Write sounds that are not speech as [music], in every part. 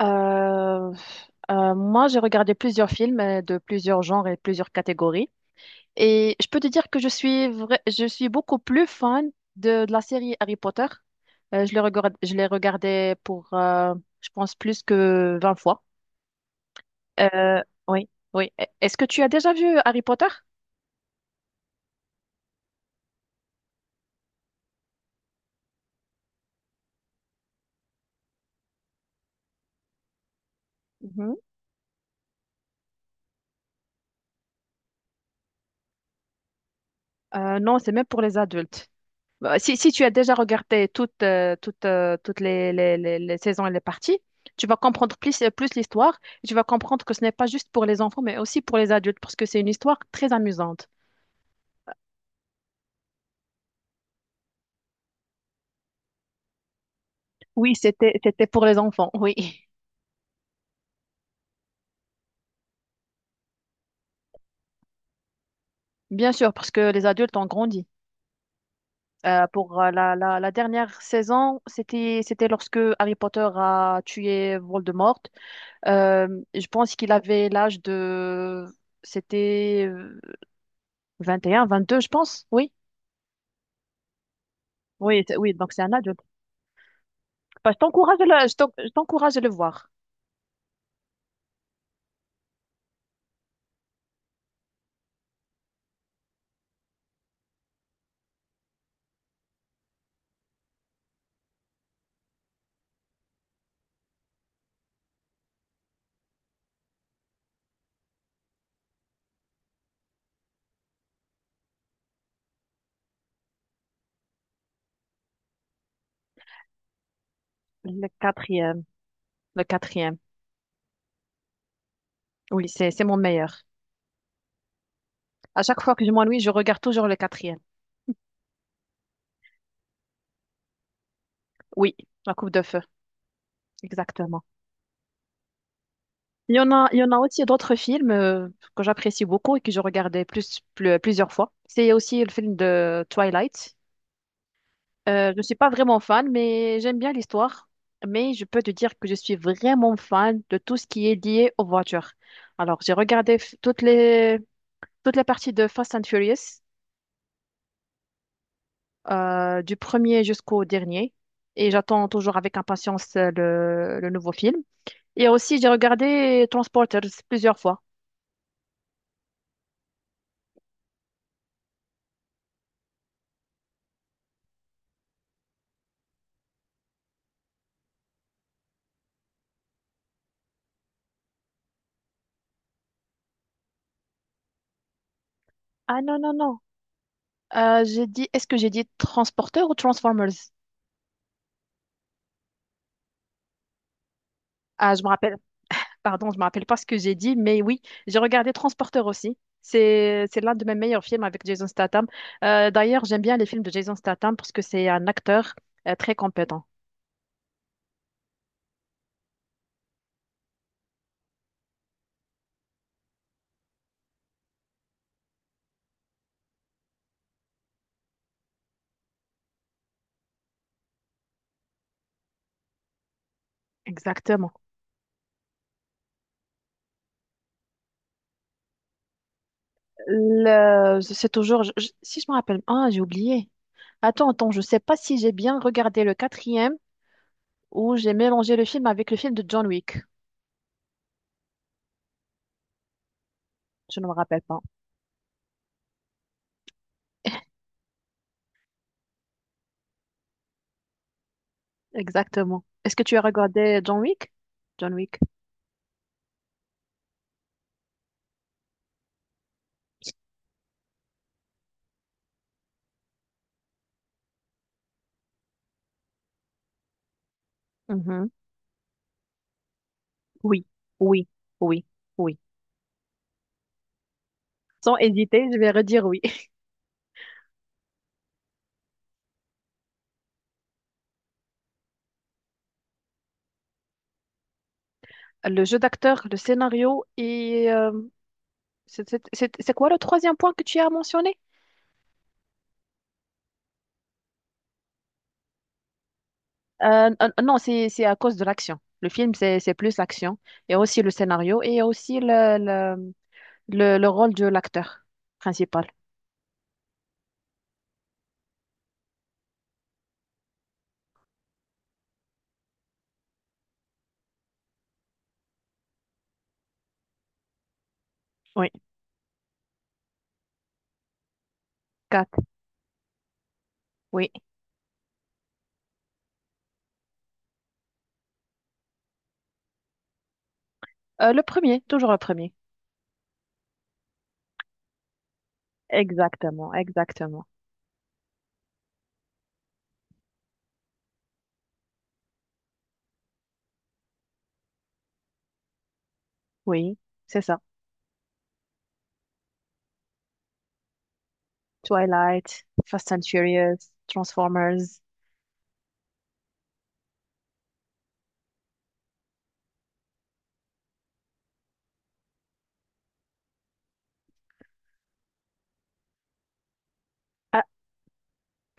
Euh, moi, j'ai regardé plusieurs films de plusieurs genres et plusieurs catégories. Et je peux te dire que je suis beaucoup plus fan de la série Harry Potter. Je l'ai regardé pour, je pense, plus que 20 fois. Euh, oui, oui. Est-ce que tu as déjà vu Harry Potter? Mhm. Non, c'est même pour les adultes. Bah, si, si tu as déjà regardé toutes les saisons et les parties, tu vas comprendre plus l'histoire. Et tu vas comprendre que ce n'est pas juste pour les enfants, mais aussi pour les adultes, parce que c'est une histoire très amusante. Oui, c'était pour les enfants, oui. [laughs] Bien sûr, parce que les adultes ont grandi. Pour la dernière saison, c'était lorsque Harry Potter a tué Voldemort. Euh, je pense qu'il avait l'âge de... C'était 21, 22 je pense. Oui, oui. Donc c'est un adulte. Bah, je t'encourage à le voir. Le quatrième, le quatrième. Oui, c'est mon meilleur. À chaque fois que je m'ennuie, je regarde toujours le quatrième. Oui, la Coupe de Feu, exactement. Il y en a aussi d'autres films que j'apprécie beaucoup et que je regardais plusieurs fois. C'est aussi le film de Twilight. Je ne suis pas vraiment fan, mais j'aime bien l'histoire. Mais je peux te dire que je suis vraiment fan de tout ce qui est lié aux voitures. Alors, toutes les parties de Fast and Furious, du premier jusqu'au dernier. Et j'attends toujours avec impatience le nouveau film. Et aussi, j'ai regardé Transporters plusieurs fois. Ah non, non, non. J'ai dit, est-ce que j'ai dit Transporters ou Transformers? Ah, je me rappelle. Pardon, je me rappelle pas ce que j'ai dit, mais oui, j'ai regardé Transporteur aussi. C'est l'un de mes meilleurs films avec Jason Statham. D'ailleurs, j'aime bien les films de Jason Statham parce que c'est un acteur très compétent. Exactement. C'est toujours, si je me rappelle, ah, j'ai oublié. Attends, attends, je sais pas si j'ai bien regardé le quatrième ou j'ai mélangé le film avec le film de John Wick. Je ne me rappelle pas. Exactement. Est-ce que tu as regardé John Wick? John Wick. Mhm. Oui, oui, oui, oui. Sans hésiter, je vais redire oui. [laughs] Le jeu d'acteur, le scénario et... c'est quoi le troisième point que tu as mentionné? Non, c'est à cause de l'action. Le film, c'est plus l'action. Il y a aussi le scénario et il y a aussi le rôle de l'acteur principal. Oui, quatre, oui. Le premier, toujours le premier. Exactement, exactement. Oui, c'est ça. Twilight, Fast and Furious, Transformers.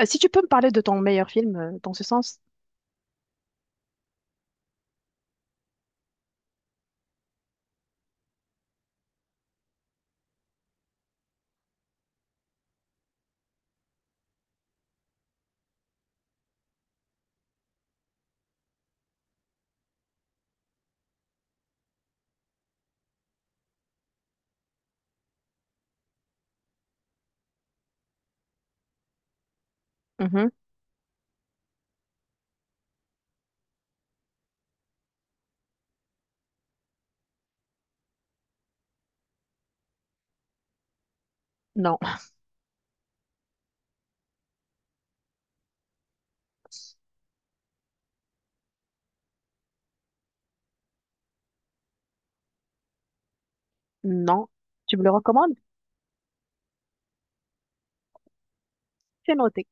Si tu peux me parler de ton meilleur film dans ce sens? Mhm. Non, non. Tu me le recommandes? C'est noté.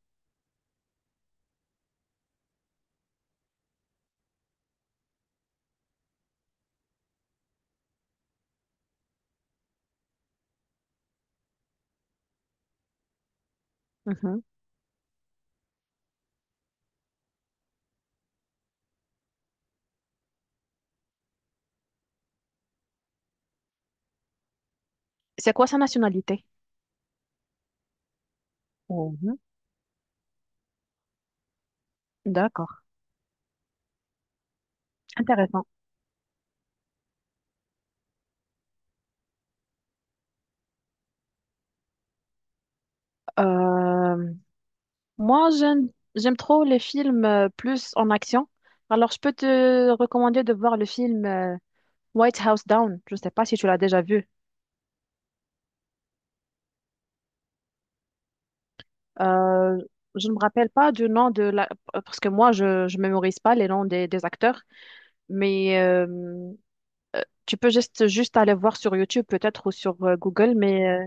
Mhm. C'est quoi sa nationalité? Mhm. D'accord. Intéressant. Euh, moi, j'aime trop les films plus en action. Alors, je peux te recommander de voir le film White House Down. Je ne sais pas si tu l'as déjà vu. Euh, je ne me rappelle pas du nom de la... Parce que moi, je ne mémorise pas les noms des acteurs. Mais tu peux juste aller voir sur YouTube peut-être ou sur Google, mais euh,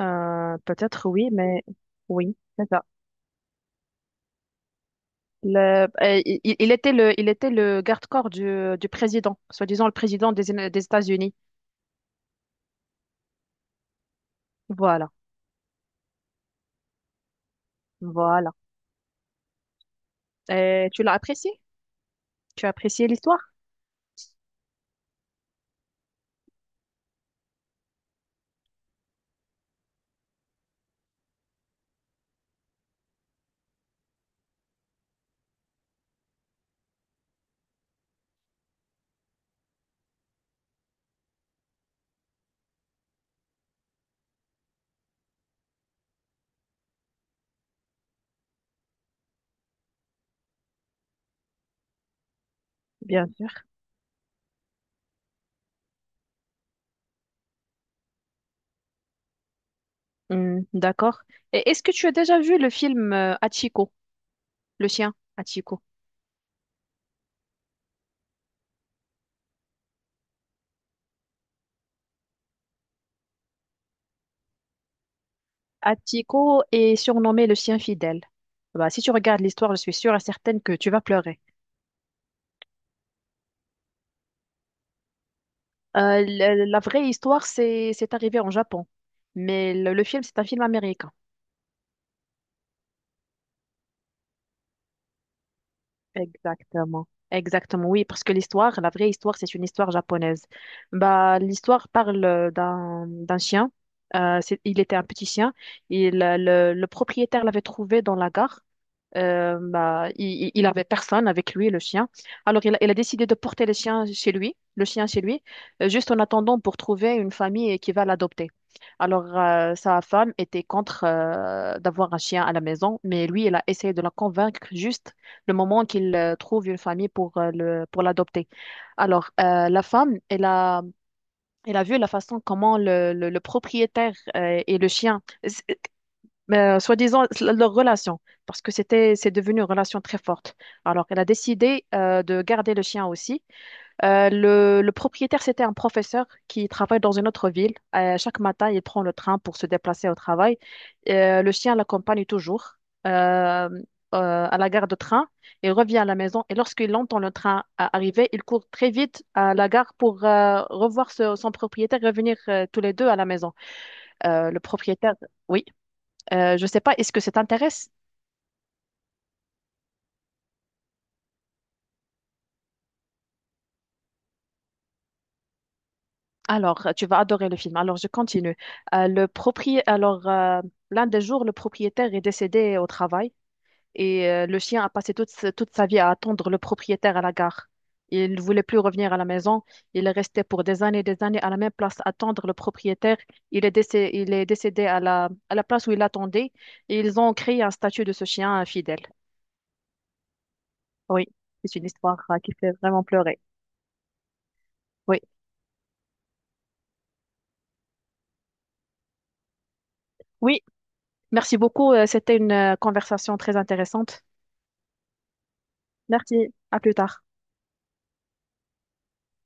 euh, peut-être oui, mais oui, c'est ça. Il était il était le garde-corps du président, soi-disant le président des États-Unis. Voilà, voilà. Et tu l'as apprécié? Tu as apprécié l'histoire? Bien sûr. Hmm, d'accord. Et est-ce que tu as déjà vu le film Hachiko? Le chien, Atiko. Atiko est surnommé le chien fidèle. Bah, si tu regardes l'histoire, je suis sûre et certaine que tu vas pleurer. La vraie histoire, c'est arrivé en Japon, mais le film, c'est un film américain. Exactement. Exactement, oui, parce que l'histoire, la vraie histoire, c'est une histoire japonaise. Bah, l'histoire parle d'un chien. Il était un petit chien. Le propriétaire l'avait trouvé dans la gare. Il avait personne avec lui, le chien. Alors, il a décidé de porter le chien chez lui, juste en attendant pour trouver une famille qui va l'adopter. Alors, sa femme était contre d'avoir un chien à la maison, mais lui, il a essayé de la convaincre juste le moment qu'il trouve une famille pour pour l'adopter. Alors, la femme, elle a vu la façon comment le propriétaire et le chien, soi-disant, leur relation, parce que c'est devenu une relation très forte. Alors, elle a décidé de garder le chien aussi. Le propriétaire, c'était un professeur qui travaille dans une autre ville. Chaque matin, il prend le train pour se déplacer au travail. Le chien l'accompagne toujours euh, à la gare de train. Il revient à la maison et lorsqu'il entend le train arriver, il court très vite à la gare pour son propriétaire, revenir tous les deux à la maison. Euh, le propriétaire, oui, je ne sais pas, est-ce que ça t'intéresse? Alors, tu vas adorer le film. Alors, je continue. Euh, le propri... Alors, euh, L'un des jours, le propriétaire est décédé au travail et le chien a passé toute sa vie à attendre le propriétaire à la gare. Il ne voulait plus revenir à la maison. Il est resté pour des années et des années à la même place attendre le propriétaire. Il est décédé à la place où il attendait et ils ont créé un statut de ce chien fidèle. Oui, c'est une histoire qui fait vraiment pleurer. Oui, oui, merci beaucoup. C'était une conversation très intéressante. Merci, à plus tard.